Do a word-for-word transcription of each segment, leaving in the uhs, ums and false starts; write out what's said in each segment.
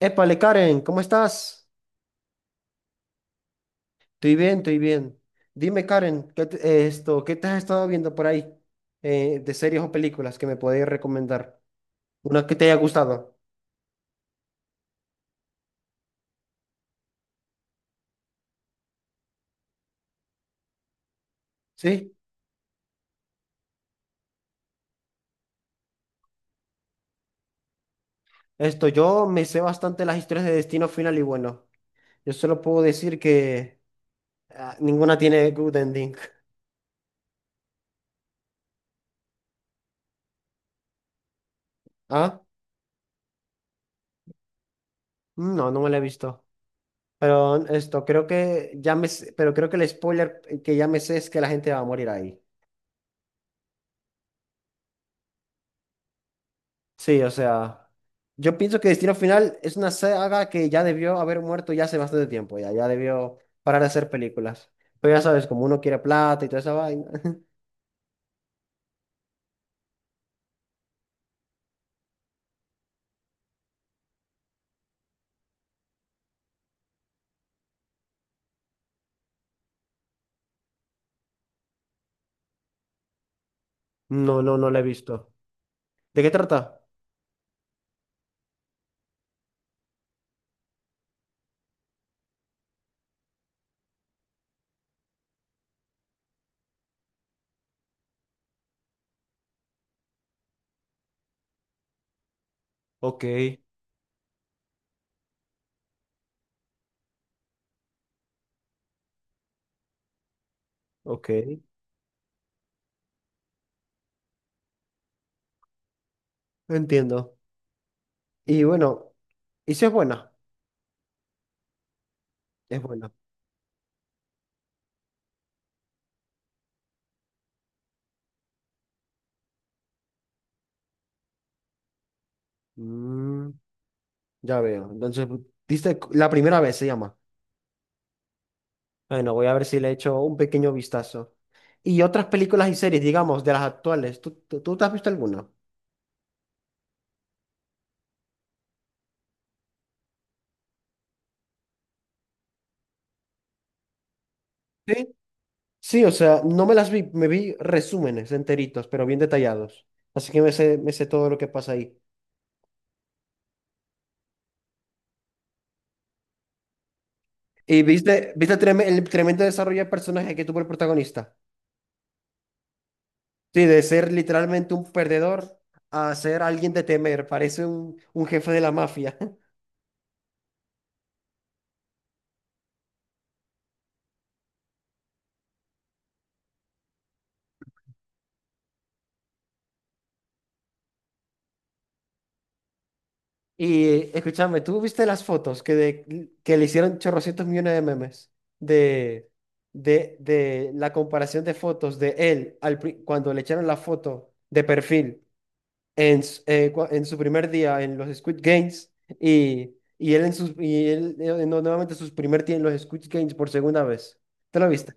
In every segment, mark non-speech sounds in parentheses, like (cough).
Épale, Karen, ¿cómo estás? Estoy bien, estoy bien. Dime, Karen, ¿qué te, eh, esto, qué te has estado viendo por ahí eh, de series o películas que me podéis recomendar? Una que te haya gustado. Sí, esto, yo me sé bastante las historias de Destino Final y bueno, yo solo puedo decir que ah, ninguna tiene good ending. (laughs) ¿Ah? Mm, no, no me la he visto. Pero esto, creo que ya me, sé- pero creo que el spoiler que ya me sé es que la gente va a morir ahí. Sí, o sea, yo pienso que Destino Final es una saga que ya debió haber muerto ya hace bastante tiempo, ya, ya debió parar de hacer películas. Pero ya sabes, como uno quiere plata y toda esa vaina. (laughs) No, no, no la he visto. ¿De qué trata? Ok, ok, entiendo. Y bueno, ¿y si es buena? Es buena. Mm, ya veo. Entonces, viste, la primera vez se llama. Bueno, voy a ver si le echo un pequeño vistazo. Y otras películas y series, digamos, de las actuales, ¿tú, tú, tú te has visto alguna? Sí. Sí, o sea, no me las vi, me vi resúmenes enteritos, pero bien detallados. Así que me sé, me sé todo lo que pasa ahí. ¿Y viste, viste trem- el tremendo desarrollo de personaje que tuvo el protagonista? Sí, de ser literalmente un perdedor a ser alguien de temer, parece un, un jefe de la mafia. (laughs) Y escúchame, ¿tú viste las fotos que, de, que le hicieron chorrocientos millones de memes de, de, de la comparación de fotos de él al, pri- cuando le echaron la foto de perfil? En, s- eh, cua- en su primer día en los Squid Games y, y él en sus y él eh, no, nuevamente sus primer día en los Squid Games por segunda vez. ¿Te lo viste?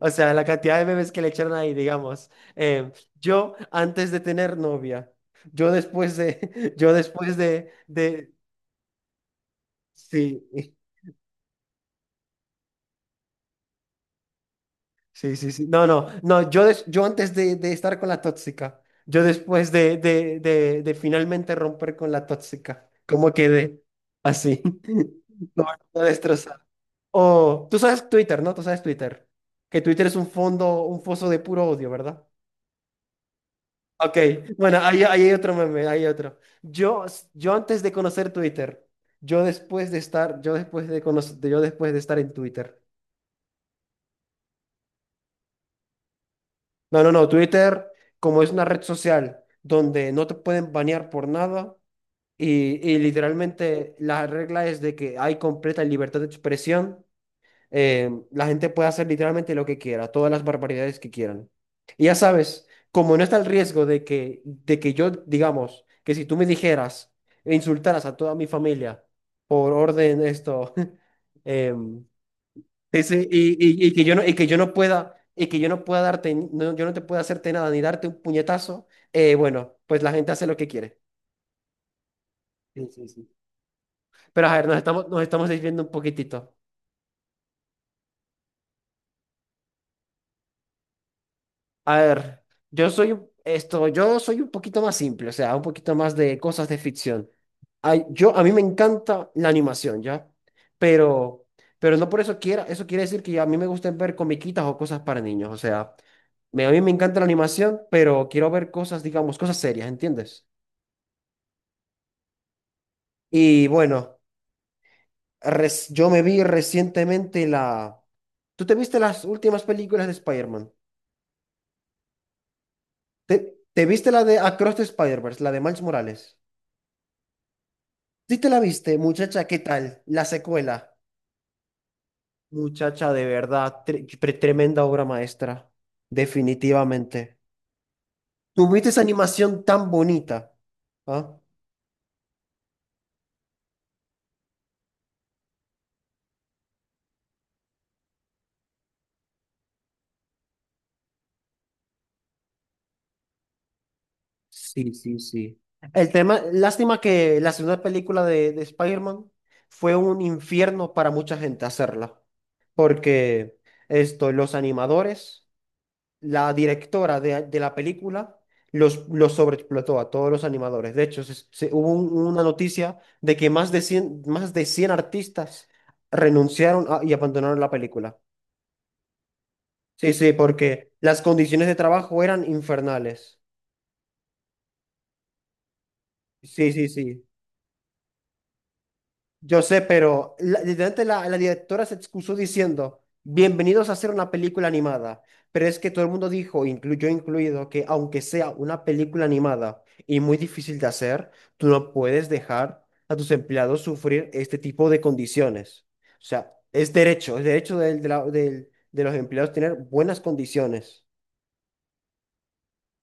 O sea, la cantidad de bebés que le echaron ahí, digamos. Eh, yo antes de tener novia, yo después de, (laughs) yo después de, de, sí. Sí, sí, sí. No, no, no. Yo, des- yo antes de, de estar con la tóxica, yo después de, de, de, de finalmente romper con la tóxica, ¿cómo quedé? Así. (laughs) No, no destrozado. O, tú sabes Twitter, ¿no? Tú sabes Twitter. Que Twitter es un fondo, un foso de puro odio, ¿verdad? Ok, bueno, ahí, ahí hay otro meme, ahí hay otro. Yo, yo antes de conocer Twitter, yo después de estar, yo después de conocer, yo después de estar en Twitter. No, no, no. Twitter, como es una red social donde no te pueden banear por nada y, y literalmente la regla es de que hay completa libertad de expresión, eh, la gente puede hacer literalmente lo que quiera, todas las barbaridades que quieran. Y ya sabes, como no está el riesgo de que, de que yo, digamos, que si tú me dijeras e insultaras a toda mi familia por orden esto, (laughs) em, ese- y, y- y que yo no, y que yo no pueda, y que yo no pueda darte, no, yo no te pueda hacerte nada ni darte un puñetazo, eh, bueno, pues la gente hace lo que quiere. Sí, sí, sí. Pero a ver, nos estamos, nos estamos desviando un poquitito. A ver, yo soy un- esto, yo soy un poquito más simple, o sea, un poquito más de cosas de ficción. Ay, yo, a mí me encanta la animación, ¿ya? Pero, pero no por eso quiera, eso quiere decir que a mí me gusten ver comiquitas o cosas para niños, o sea, me- a mí me encanta la animación, pero quiero ver cosas, digamos, cosas serias, ¿entiendes? Y bueno, res- yo me vi recientemente la... ¿Tú te viste las últimas películas de Spider-Man? ¿Te, te viste la de Across the Spider-Verse, la de Miles Morales? Sí te la viste, muchacha, ¿qué tal? La secuela. Muchacha, de verdad, tre- pre- tremenda obra maestra. Definitivamente. Tuviste esa animación tan bonita. ¿Ah? Sí, sí, sí. El tema, lástima que la segunda película de, de Spider-Man fue un infierno para mucha gente hacerla. Porque esto, los animadores. La directora de, de la película los, los sobreexplotó a todos los animadores. De hecho, se- se- hubo un- una noticia de que más de cien más de cien artistas renunciaron a- y abandonaron la película. Sí, sí, porque las condiciones de trabajo eran infernales. Sí, sí, sí. Yo sé, pero la, literalmente la, la directora se excusó diciendo, bienvenidos a hacer una película animada. Pero es que todo el mundo dijo, inclu- yo incluido, que aunque sea una película animada y muy difícil de hacer, tú no puedes dejar a tus empleados sufrir este tipo de condiciones. O sea, es derecho, es derecho del- de, la- del- de los empleados tener buenas condiciones.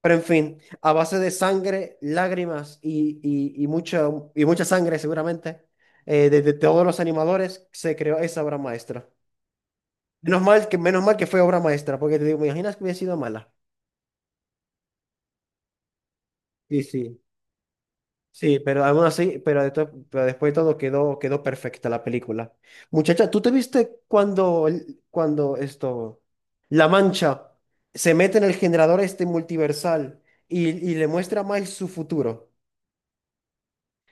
Pero en fin, a base de sangre, lágrimas y, y, y, mucha, y mucha sangre seguramente, eh, de, de todos los animadores se creó esa obra maestra. Menos mal que, menos mal que fue obra maestra, porque te digo, me imaginas que hubiera sido mala. Sí, sí. Sí, pero aún así, pero, de to- pero después de todo quedó, quedó perfecta la película. Muchacha, ¿tú te viste cuando, el- cuando esto, La Mancha se mete en el generador este multiversal y, y le muestra a Miles su futuro?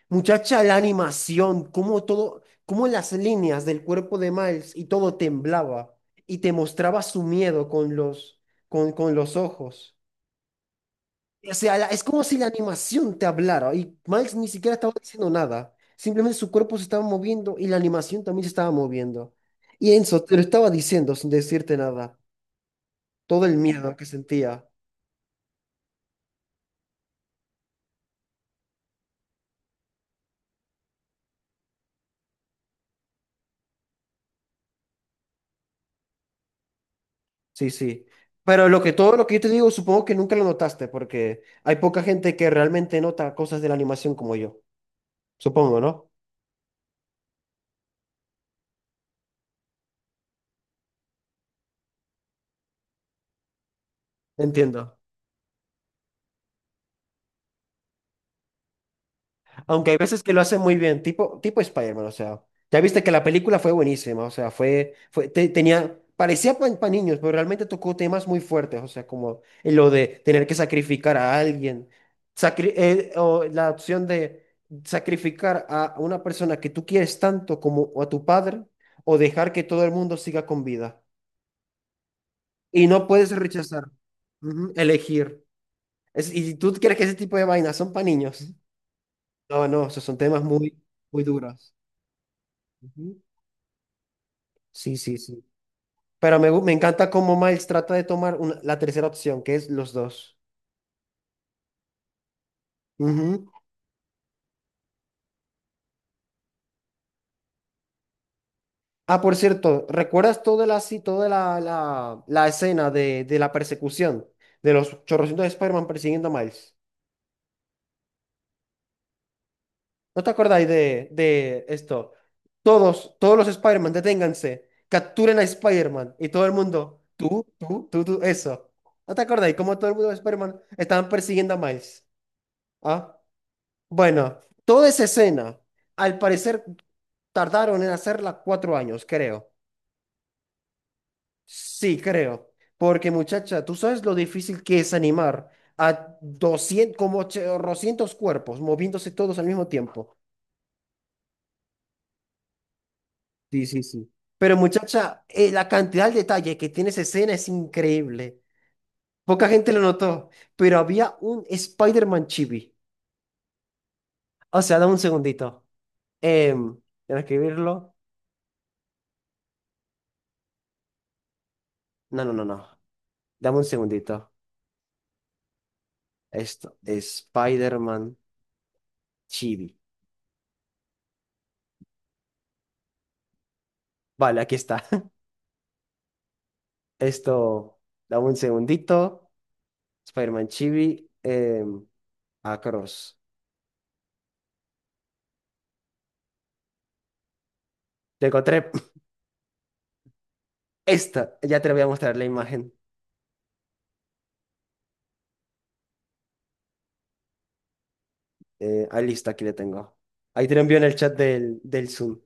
Muchacha, la animación, cómo todo, cómo las líneas del cuerpo de Miles y todo temblaba y te mostraba su miedo con los, con, con los ojos. O sea, la- es como si la animación te hablara y Miles ni siquiera estaba diciendo nada. Simplemente su cuerpo se estaba moviendo y la animación también se estaba moviendo. Y Enzo te lo estaba diciendo sin decirte nada. Todo el miedo que sentía. Sí, sí. Pero lo que todo lo que yo te digo, supongo que nunca lo notaste porque hay poca gente que realmente nota cosas de la animación como yo. Supongo, ¿no? Entiendo. Aunque hay veces que lo hacen muy bien, tipo, tipo Spider-Man, o sea. Ya viste que la película fue buenísima, o sea, fue, fue, te- tenía, parecía para niños, pero realmente tocó temas muy fuertes, o sea, como lo de tener que sacrificar a alguien, sacri- eh, o la opción de sacrificar a una persona que tú quieres tanto como a tu padre, o dejar que todo el mundo siga con vida. Y no puedes rechazar, ujú, elegir. Es- y si tú crees que ese tipo de vainas son para niños. No, no, esos son temas muy, muy duros. Ujú. Sí, sí, sí. Pero me, gu- me encanta cómo Miles trata de tomar una- la tercera opción, que es los dos. Ujú. Ah, por cierto, ¿recuerdas toda la, sí, toda la, la, la escena de, de la persecución de los chorrocientos de Spider-Man persiguiendo a Miles? ¿No te acordáis de, de esto? Todos, todos los Spider-Man, deténganse, capturen a Spider-Man y todo el mundo, tú, tú, tú, tú, eso. ¿No te acordáis cómo todo el mundo de Spider-Man estaban persiguiendo a Miles? ¿Ah? Bueno, toda esa escena, al parecer tardaron en hacerla cuatro años, creo. Sí, creo. Porque muchacha, tú sabes lo difícil que es animar a doscientos como ochocientos cuerpos moviéndose todos al mismo tiempo. Sí, sí, sí. Pero muchacha, eh, la cantidad de detalle que tiene esa escena es increíble. Poca gente lo notó, pero había un Spider-Man chibi. O sea, dame un segundito. Em, Déjame escribirlo. No, no, no, no. Dame un segundito. Esto, Spider-Man Chibi. Vale, aquí está. (laughs) Esto, dame un segundito. Spider-Man Chibi, em, Across. Te encontré (laughs) (clears throat) esta. Ya te voy a mostrar la imagen. Eh, ah, listo, aquí la tengo. Ahí te lo envío en el chat del, del Zoom.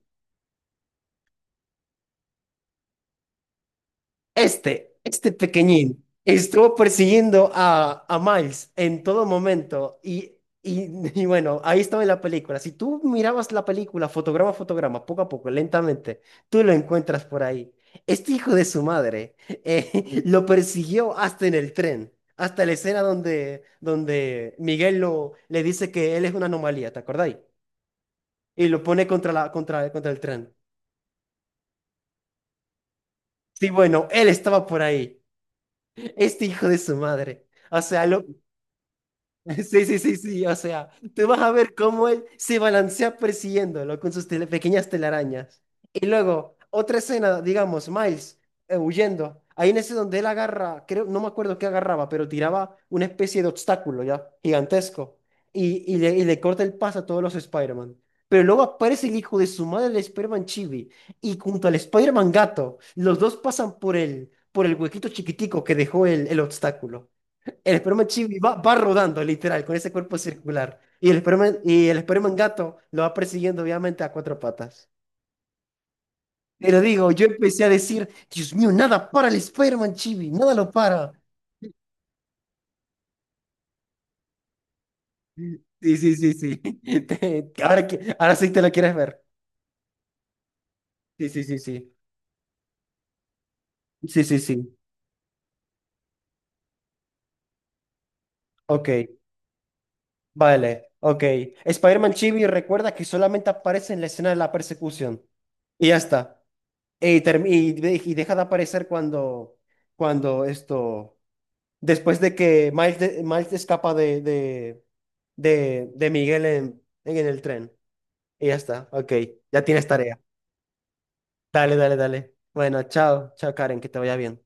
Este, este pequeñín, estuvo persiguiendo a, a Miles en todo momento y, y, (laughs) y bueno, ahí estaba en la película. Si tú mirabas la película fotograma a fotograma, poco a poco, lentamente, tú lo encuentras por ahí. Este hijo de su madre eh, (laughs) lo persiguió hasta en el tren, hasta la escena donde, donde Miguel lo, le dice que él es una anomalía, ¿te acordáis? Y lo pone contra, la, contra, contra el tren. Sí, bueno, él estaba por ahí. Este hijo de su madre. O sea, lo, (laughs) sí, sí, sí, sí, o sea, tú vas a ver cómo él se balancea persiguiéndolo con sus tele- pequeñas telarañas. Y luego, otra escena, digamos, Miles eh, huyendo. Ahí en ese donde él agarra, creo, no me acuerdo qué agarraba, pero tiraba una especie de obstáculo ya, gigantesco. Y, y, le, y le corta el paso a todos los Spider-Man. Pero luego aparece el hijo de su madre, el Spider-Man Chibi, y junto al Spider-Man gato, los dos pasan por el, por el huequito chiquitico que dejó el, el obstáculo. El esperma chibi va, va rodando, literal, con ese cuerpo circular. Y el esperma, y el esperma gato lo va persiguiendo, obviamente, a cuatro patas. Pero digo, yo empecé a decir, Dios mío, nada para el esperma chibi, nada lo para. Sí, sí, sí, sí. (laughs) Te- Ahora, que- ahora sí te lo quieres ver. Sí, sí, sí, sí. Sí, sí, sí. Ok, vale, ok. Spider-Man Chibi recuerda que solamente aparece en la escena de la persecución. Y ya está. Y, term- y de- y deja de aparecer cuando, cuando esto, después de que Miles, de- Miles escapa de, de, de, de Miguel en, en el tren. Y ya está, ok, ya tienes tarea. Dale, dale, dale. Bueno, chao, chao Karen, que te vaya bien.